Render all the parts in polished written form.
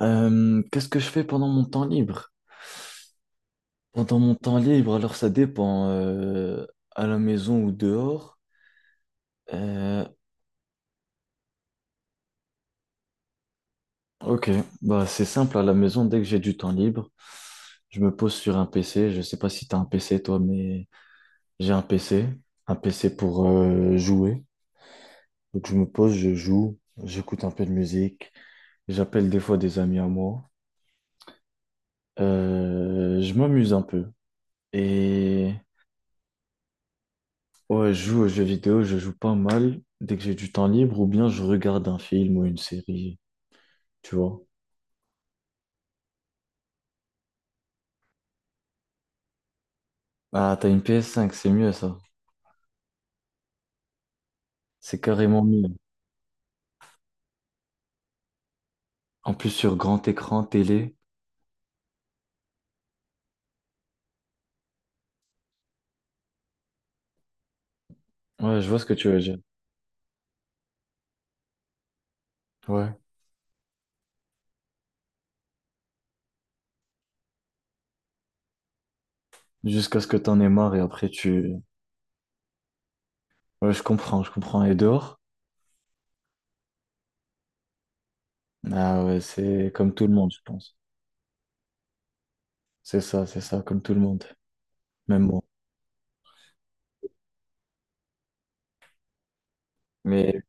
Qu'est-ce que je fais pendant mon temps libre? Pendant mon temps libre, alors ça dépend, à la maison ou dehors. Euh, ok, bah c'est simple, à la maison, dès que j'ai du temps libre, je me pose sur un PC. Je sais pas si t'as un PC toi, mais j'ai un PC, un PC pour jouer. Donc je me pose, je joue, j'écoute un peu de musique, j'appelle des fois des amis à moi. Je m'amuse un peu. Et ouais, je joue aux jeux vidéo, je joue pas mal dès que j'ai du temps libre ou bien je regarde un film ou une série, tu vois. Ah, t'as une PS5, c'est mieux ça. C'est carrément mieux. En plus, sur grand écran, télé. Ouais, je vois ce que tu veux dire. Ouais. Jusqu'à ce que t'en aies marre et après tu. Ouais, je comprends, je comprends. Et dehors? Ah ouais, c'est comme tout le monde, je pense. C'est ça, comme tout le monde. Même moi. Mais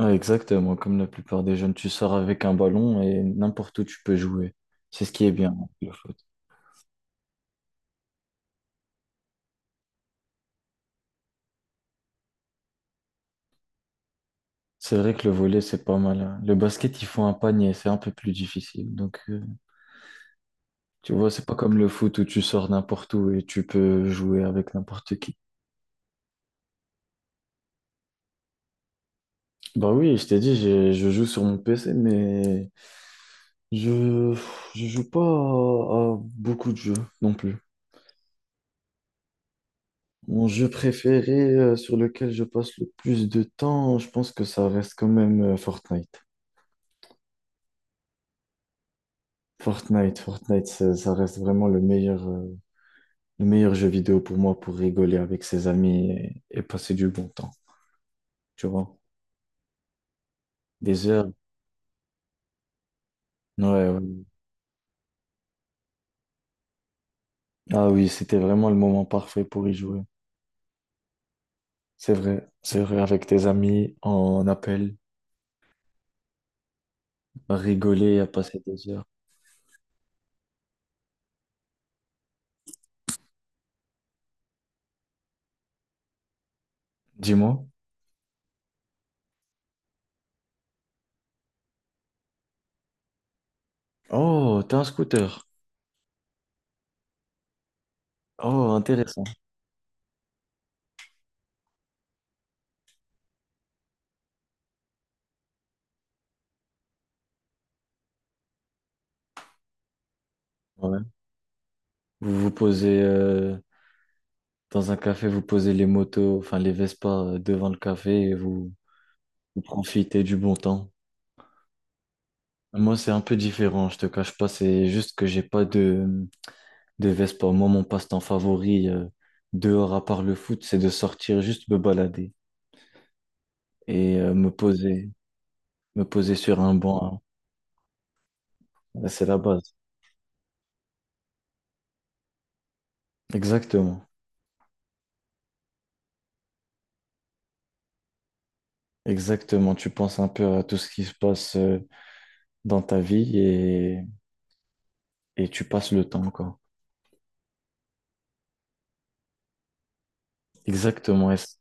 ouais, exactement, comme la plupart des jeunes, tu sors avec un ballon et n'importe où tu peux jouer. C'est ce qui est bien, le foot. C'est vrai que le volley, c'est pas mal, hein. Le basket, il faut un panier, c'est un peu plus difficile. Donc, tu vois, c'est pas comme le foot où tu sors n'importe où et tu peux jouer avec n'importe qui. Bah oui, je t'ai dit, je joue sur mon PC, mais je, je joue pas à, à beaucoup de jeux non plus. Mon jeu préféré, sur lequel je passe le plus de temps, je pense que ça reste quand même Fortnite. Fortnite, ça reste vraiment le meilleur, le meilleur jeu vidéo pour moi pour rigoler avec ses amis et passer du bon temps, tu vois. Des heures. Ouais. Ah oui, c'était vraiment le moment parfait pour y jouer. C'est vrai, avec tes amis, en appel, à rigoler et à passer des heures. Dis-moi. Oh, t'as un scooter. Oh, intéressant. Ouais. Vous vous posez dans un café, vous posez les motos, enfin les Vespa devant le café et vous, vous profitez du bon temps. Moi, c'est un peu différent, je te cache pas, c'est juste que j'ai pas de devait sport. Moi, mon passe-temps favori dehors à part le foot, c'est de sortir juste me balader et me poser sur un banc, hein. C'est la base. Exactement. Exactement. Tu penses un peu à tout ce qui se passe dans ta vie et tu passes le temps, quoi. Exactement.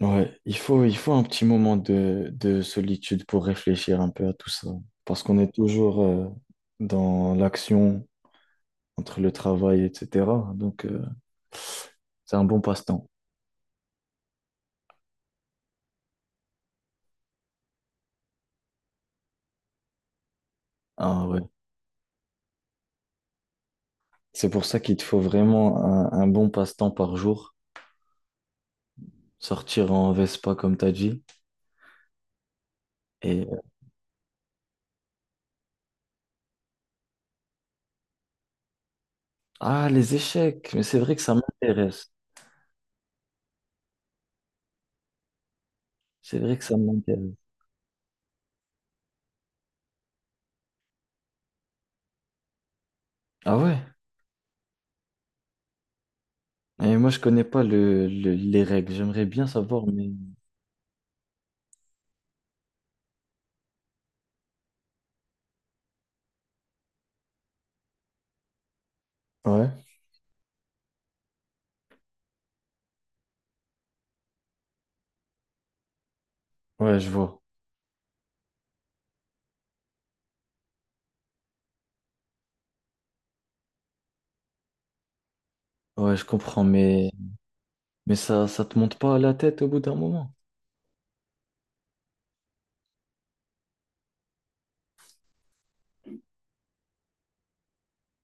Ouais, il faut un petit moment de solitude pour réfléchir un peu à tout ça. Parce qu'on est toujours dans l'action entre le travail, etc. Donc, c'est un bon passe-temps. Ah ouais. C'est pour ça qu'il te faut vraiment un bon passe-temps par jour. Sortir en Vespa, comme t'as dit. Et... euh, Ah, les échecs. Mais c'est vrai que ça m'intéresse. C'est vrai que ça m'intéresse. Ah ouais? Et moi, je connais pas les règles. J'aimerais bien savoir, mais... Ouais. Ouais, je vois. Ouais, je comprends. Mais ça, ça te monte pas à la tête au bout d'un moment.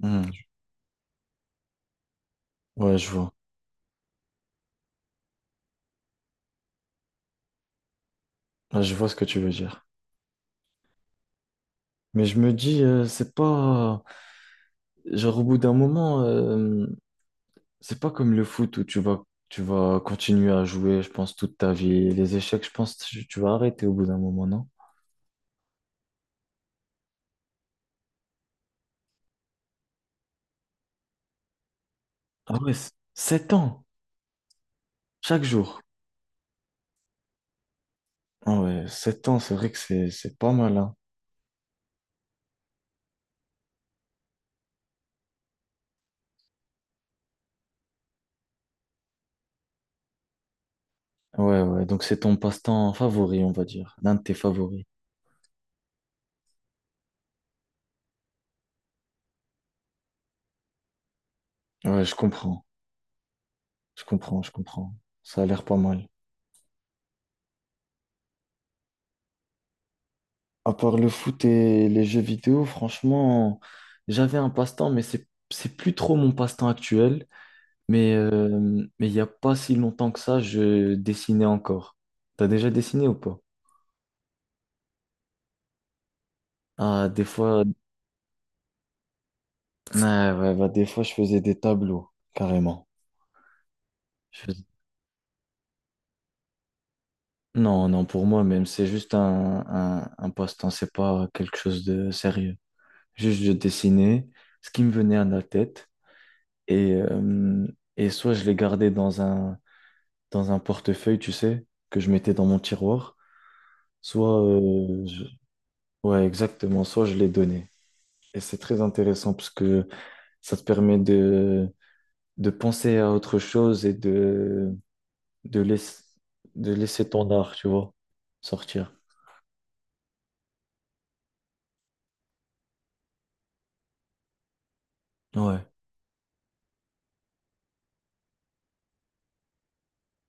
Hmm. Ouais, je vois. Ouais, je vois ce que tu veux dire. Mais je me dis, c'est pas... Genre, au bout d'un moment... c'est pas comme le foot où tu vas continuer à jouer, je pense, toute ta vie. Les échecs, je pense, tu vas arrêter au bout d'un moment, non? Ah ouais, 7 ans, chaque jour. Ah ouais, 7 ans, c'est vrai que c'est pas mal, hein. Ouais, donc c'est ton passe-temps favori, on va dire. L'un de tes favoris. Ouais, je comprends. Ça a l'air pas mal. À part le foot et les jeux vidéo, franchement, j'avais un passe-temps, mais c'est plus trop mon passe-temps actuel. Mais euh, mais il n'y a pas si longtemps que ça, je dessinais encore. T'as déjà dessiné ou pas? Ah, des fois, ouais, bah, des fois, je faisais des tableaux, carrément. Je faisais- Non, non, pour moi même, c'est juste un passe-temps, c'est pas quelque chose de sérieux. Juste, je dessinais ce qui me venait à la tête et, euh, et soit je les gardais dans un portefeuille, tu sais, que je mettais dans mon tiroir, soit, euh, je- ouais, exactement, soit je les donnais. Et c'est très intéressant parce que ça te permet de penser à autre chose et de, laisser, de laisser ton art, tu vois, sortir. Ouais,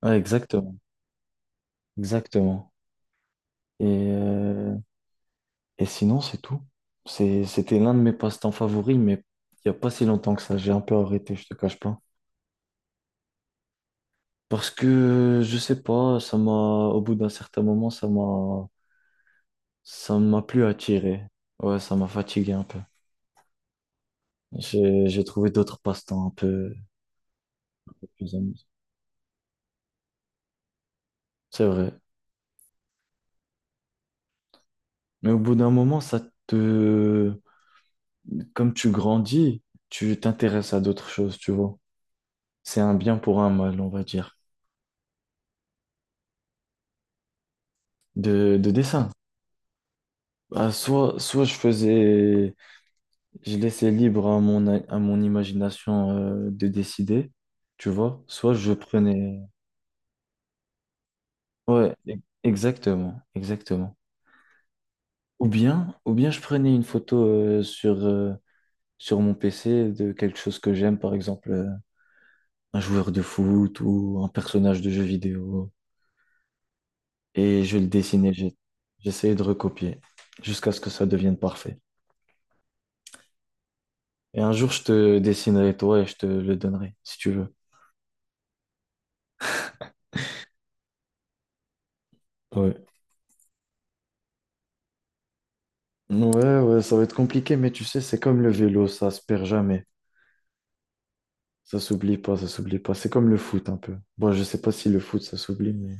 ouais, exactement. Et, euh, et sinon, c'est tout. C'était l'un de mes passe-temps favoris, mais il n'y a pas si longtemps que ça, j'ai un peu arrêté, je te cache pas. Parce que, je sais pas, au bout d'un certain moment, ça m'a plus attiré. Ouais, ça m'a fatigué un peu. J'ai trouvé d'autres passe-temps un peu plus amusant. C'est vrai. Mais au bout d'un moment, ça te... Comme tu grandis, tu t'intéresses à d'autres choses, tu vois. C'est un bien pour un mal, on va dire, de dessin. Ah, soit je faisais... Je laissais libre à mon, à mon imagination de décider, tu vois. Soit je prenais... Ouais, exactement, exactement. Ou bien je prenais une photo sur mon PC de quelque chose que j'aime, par exemple, un joueur de foot ou un personnage de jeu vidéo. Et je le dessinais, j'ai- j'essayais de recopier jusqu'à ce que ça devienne parfait. Et un jour, je te dessinerai toi et je te le donnerai, si tu veux. Ouais. Ouais, ça va être compliqué, mais tu sais, c'est comme le vélo, ça se perd jamais. Ça s'oublie pas. C'est comme le foot un peu. Bon, je sais pas si le foot, ça s'oublie, mais...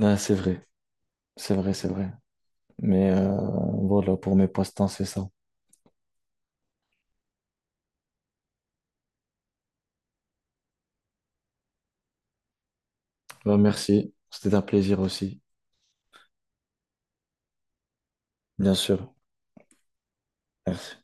Ah, c'est vrai. Mais euh, voilà, pour mes passe-temps, c'est ça. Bah, merci, c'était un plaisir aussi, bien sûr. Merci.